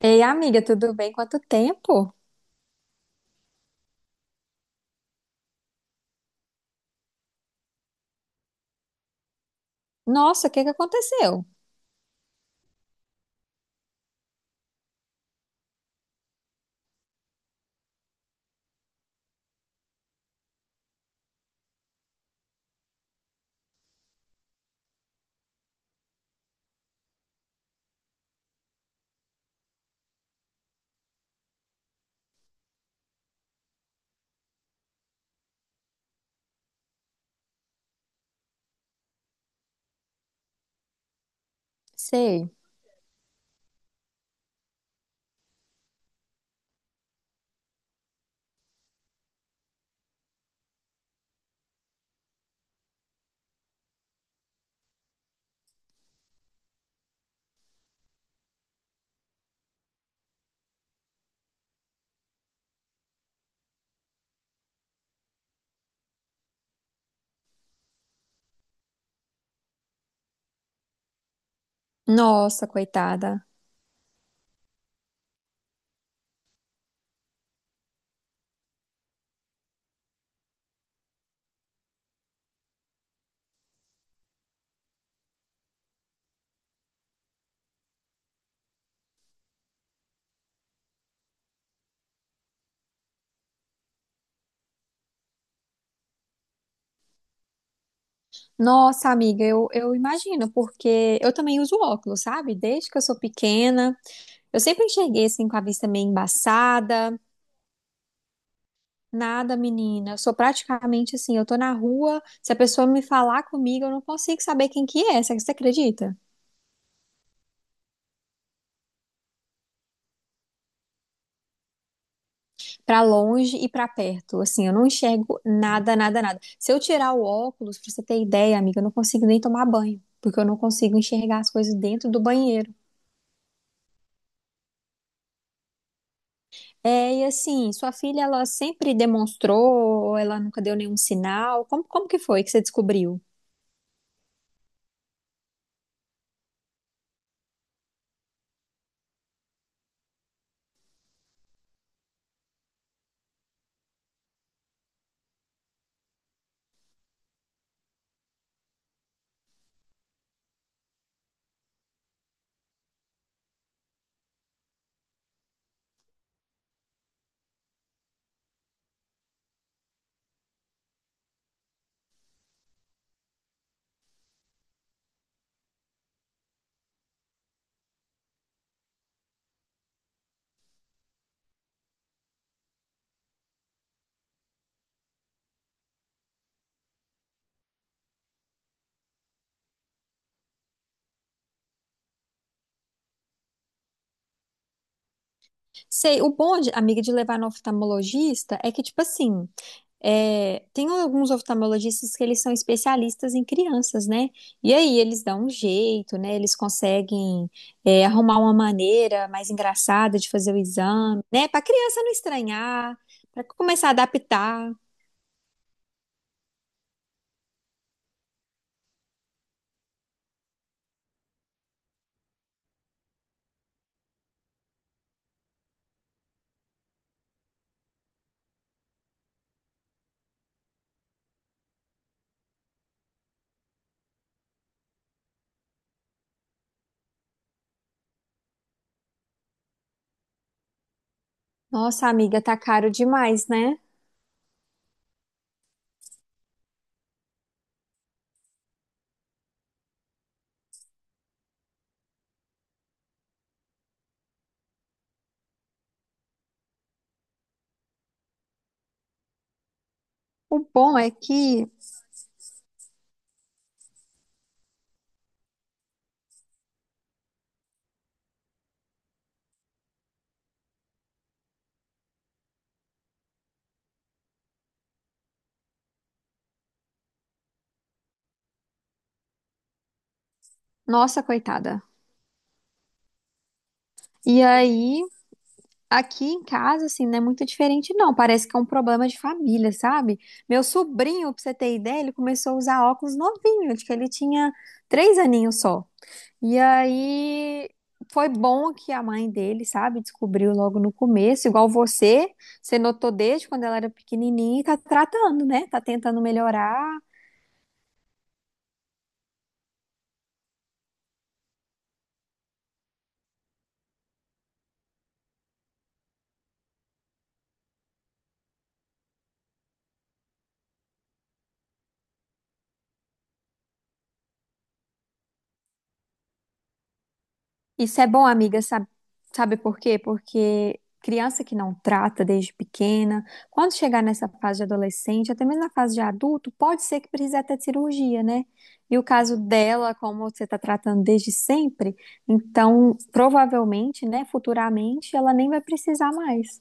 Ei, amiga, tudo bem? Quanto tempo? Nossa, o que que aconteceu? Sei. Nossa, coitada. Nossa, amiga, eu imagino, porque eu também uso óculos, sabe? Desde que eu sou pequena, eu sempre enxerguei assim com a vista meio embaçada. Nada, menina. Eu sou praticamente assim, eu tô na rua, se a pessoa me falar comigo, eu não consigo saber quem que é. Você acredita? Para longe e para perto. Assim, eu não enxergo nada, nada, nada. Se eu tirar o óculos, pra você ter ideia, amiga, eu não consigo nem tomar banho, porque eu não consigo enxergar as coisas dentro do banheiro. É, e assim, sua filha, ela sempre demonstrou, ela nunca deu nenhum sinal. Como que foi que você descobriu? Sei, o bom, de- amiga, de levar no oftalmologista é que, tipo assim, é, tem alguns oftalmologistas que eles são especialistas em crianças, né? E aí eles dão um jeito, né? Eles conseguem, é, arrumar uma maneira mais engraçada de fazer o exame, né? Para criança não estranhar, para começar a adaptar. Nossa, amiga, tá caro demais, né? O bom é que, nossa, coitada. E aí, aqui em casa, assim, não é muito diferente, não. Parece que é um problema de família, sabe? Meu sobrinho, pra você ter ideia, ele começou a usar óculos novinho, acho que ele tinha três aninhos só. E aí foi bom que a mãe dele, sabe, descobriu logo no começo, igual você, você notou desde quando ela era pequenininha e tá tratando, né? Tá tentando melhorar. Isso é bom, amiga, sabe, sabe por quê? Porque criança que não trata desde pequena, quando chegar nessa fase de adolescente, até mesmo na fase de adulto, pode ser que precise até de cirurgia, né? E o caso dela, como você está tratando desde sempre, então provavelmente, né, futuramente, ela nem vai precisar mais.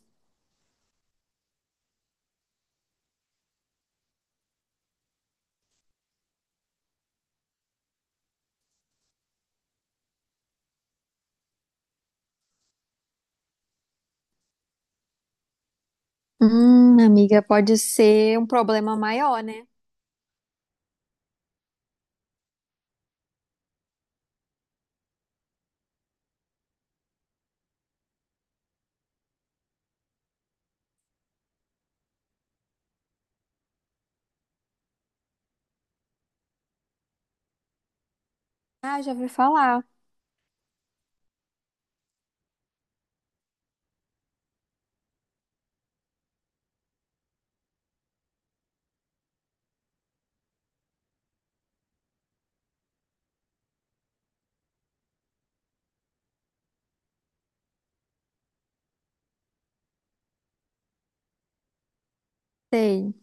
Amiga, pode ser um problema maior, né? Ah, já ouvi falar. Sei.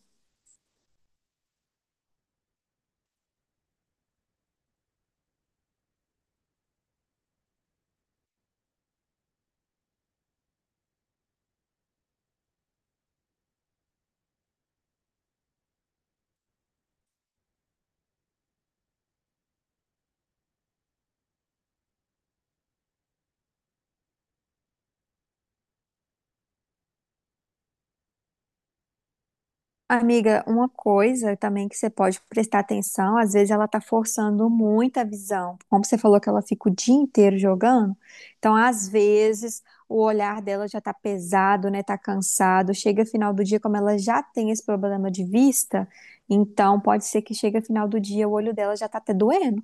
Amiga, uma coisa também que você pode prestar atenção, às vezes ela tá forçando muito a visão. Como você falou que ela fica o dia inteiro jogando, então às vezes o olhar dela já tá pesado, né? Tá cansado. Chega final do dia, como ela já tem esse problema de vista, então pode ser que chegue final do dia o olho dela já tá até doendo.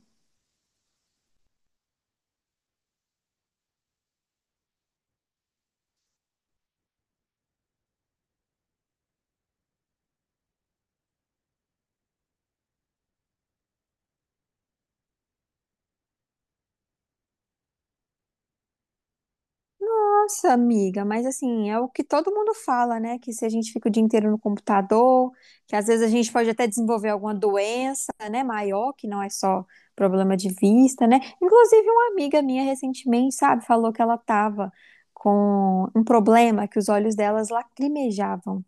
Nossa, amiga, mas assim, é o que todo mundo fala, né? Que se a gente fica o dia inteiro no computador, que às vezes a gente pode até desenvolver alguma doença, né, maior, que não é só problema de vista, né? Inclusive, uma amiga minha recentemente, sabe, falou que ela tava com um problema que os olhos delas lacrimejavam.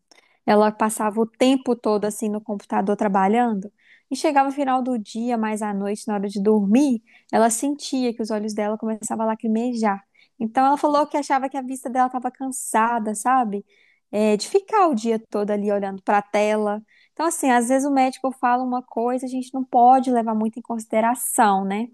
Ela passava o tempo todo assim no computador trabalhando e chegava no final do dia, mais à noite, na hora de dormir, ela sentia que os olhos dela começavam a lacrimejar. Então ela falou que achava que a vista dela estava cansada, sabe? É, de ficar o dia todo ali olhando para a tela. Então, assim, às vezes o médico fala uma coisa, a gente não pode levar muito em consideração, né?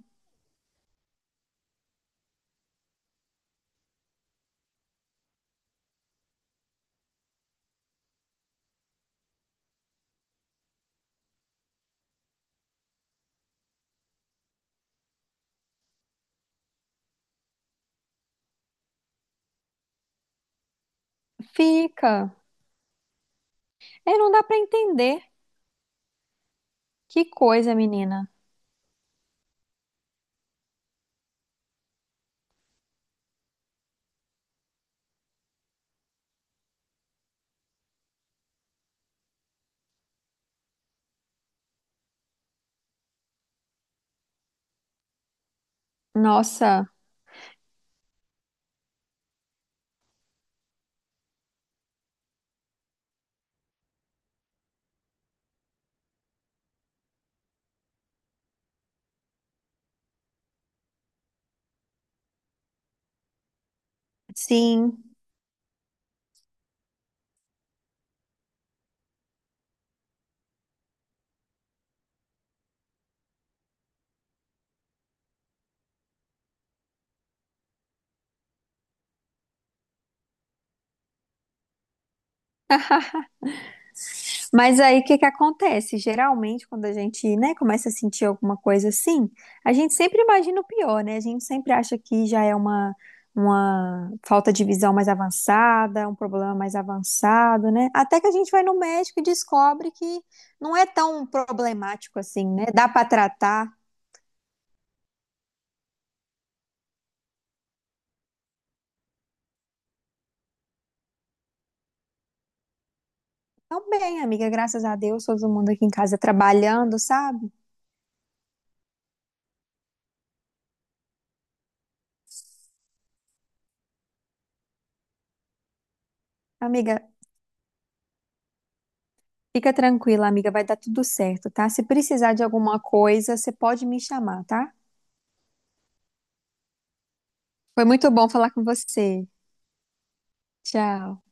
Fica. É, não dá para entender. Que coisa, menina. Nossa, sim. Mas aí o que que acontece? Geralmente, quando a gente, né, começa a sentir alguma coisa assim, a gente sempre imagina o pior, né? A gente sempre acha que já é uma falta de visão mais avançada, um problema mais avançado, né? Até que a gente vai no médico e descobre que não é tão problemático assim, né? Dá para tratar. Então, bem, amiga, graças a Deus, todo mundo aqui em casa trabalhando, sabe? Amiga, fica tranquila, amiga, vai dar tudo certo, tá? Se precisar de alguma coisa, você pode me chamar, tá? Foi muito bom falar com você. Tchau.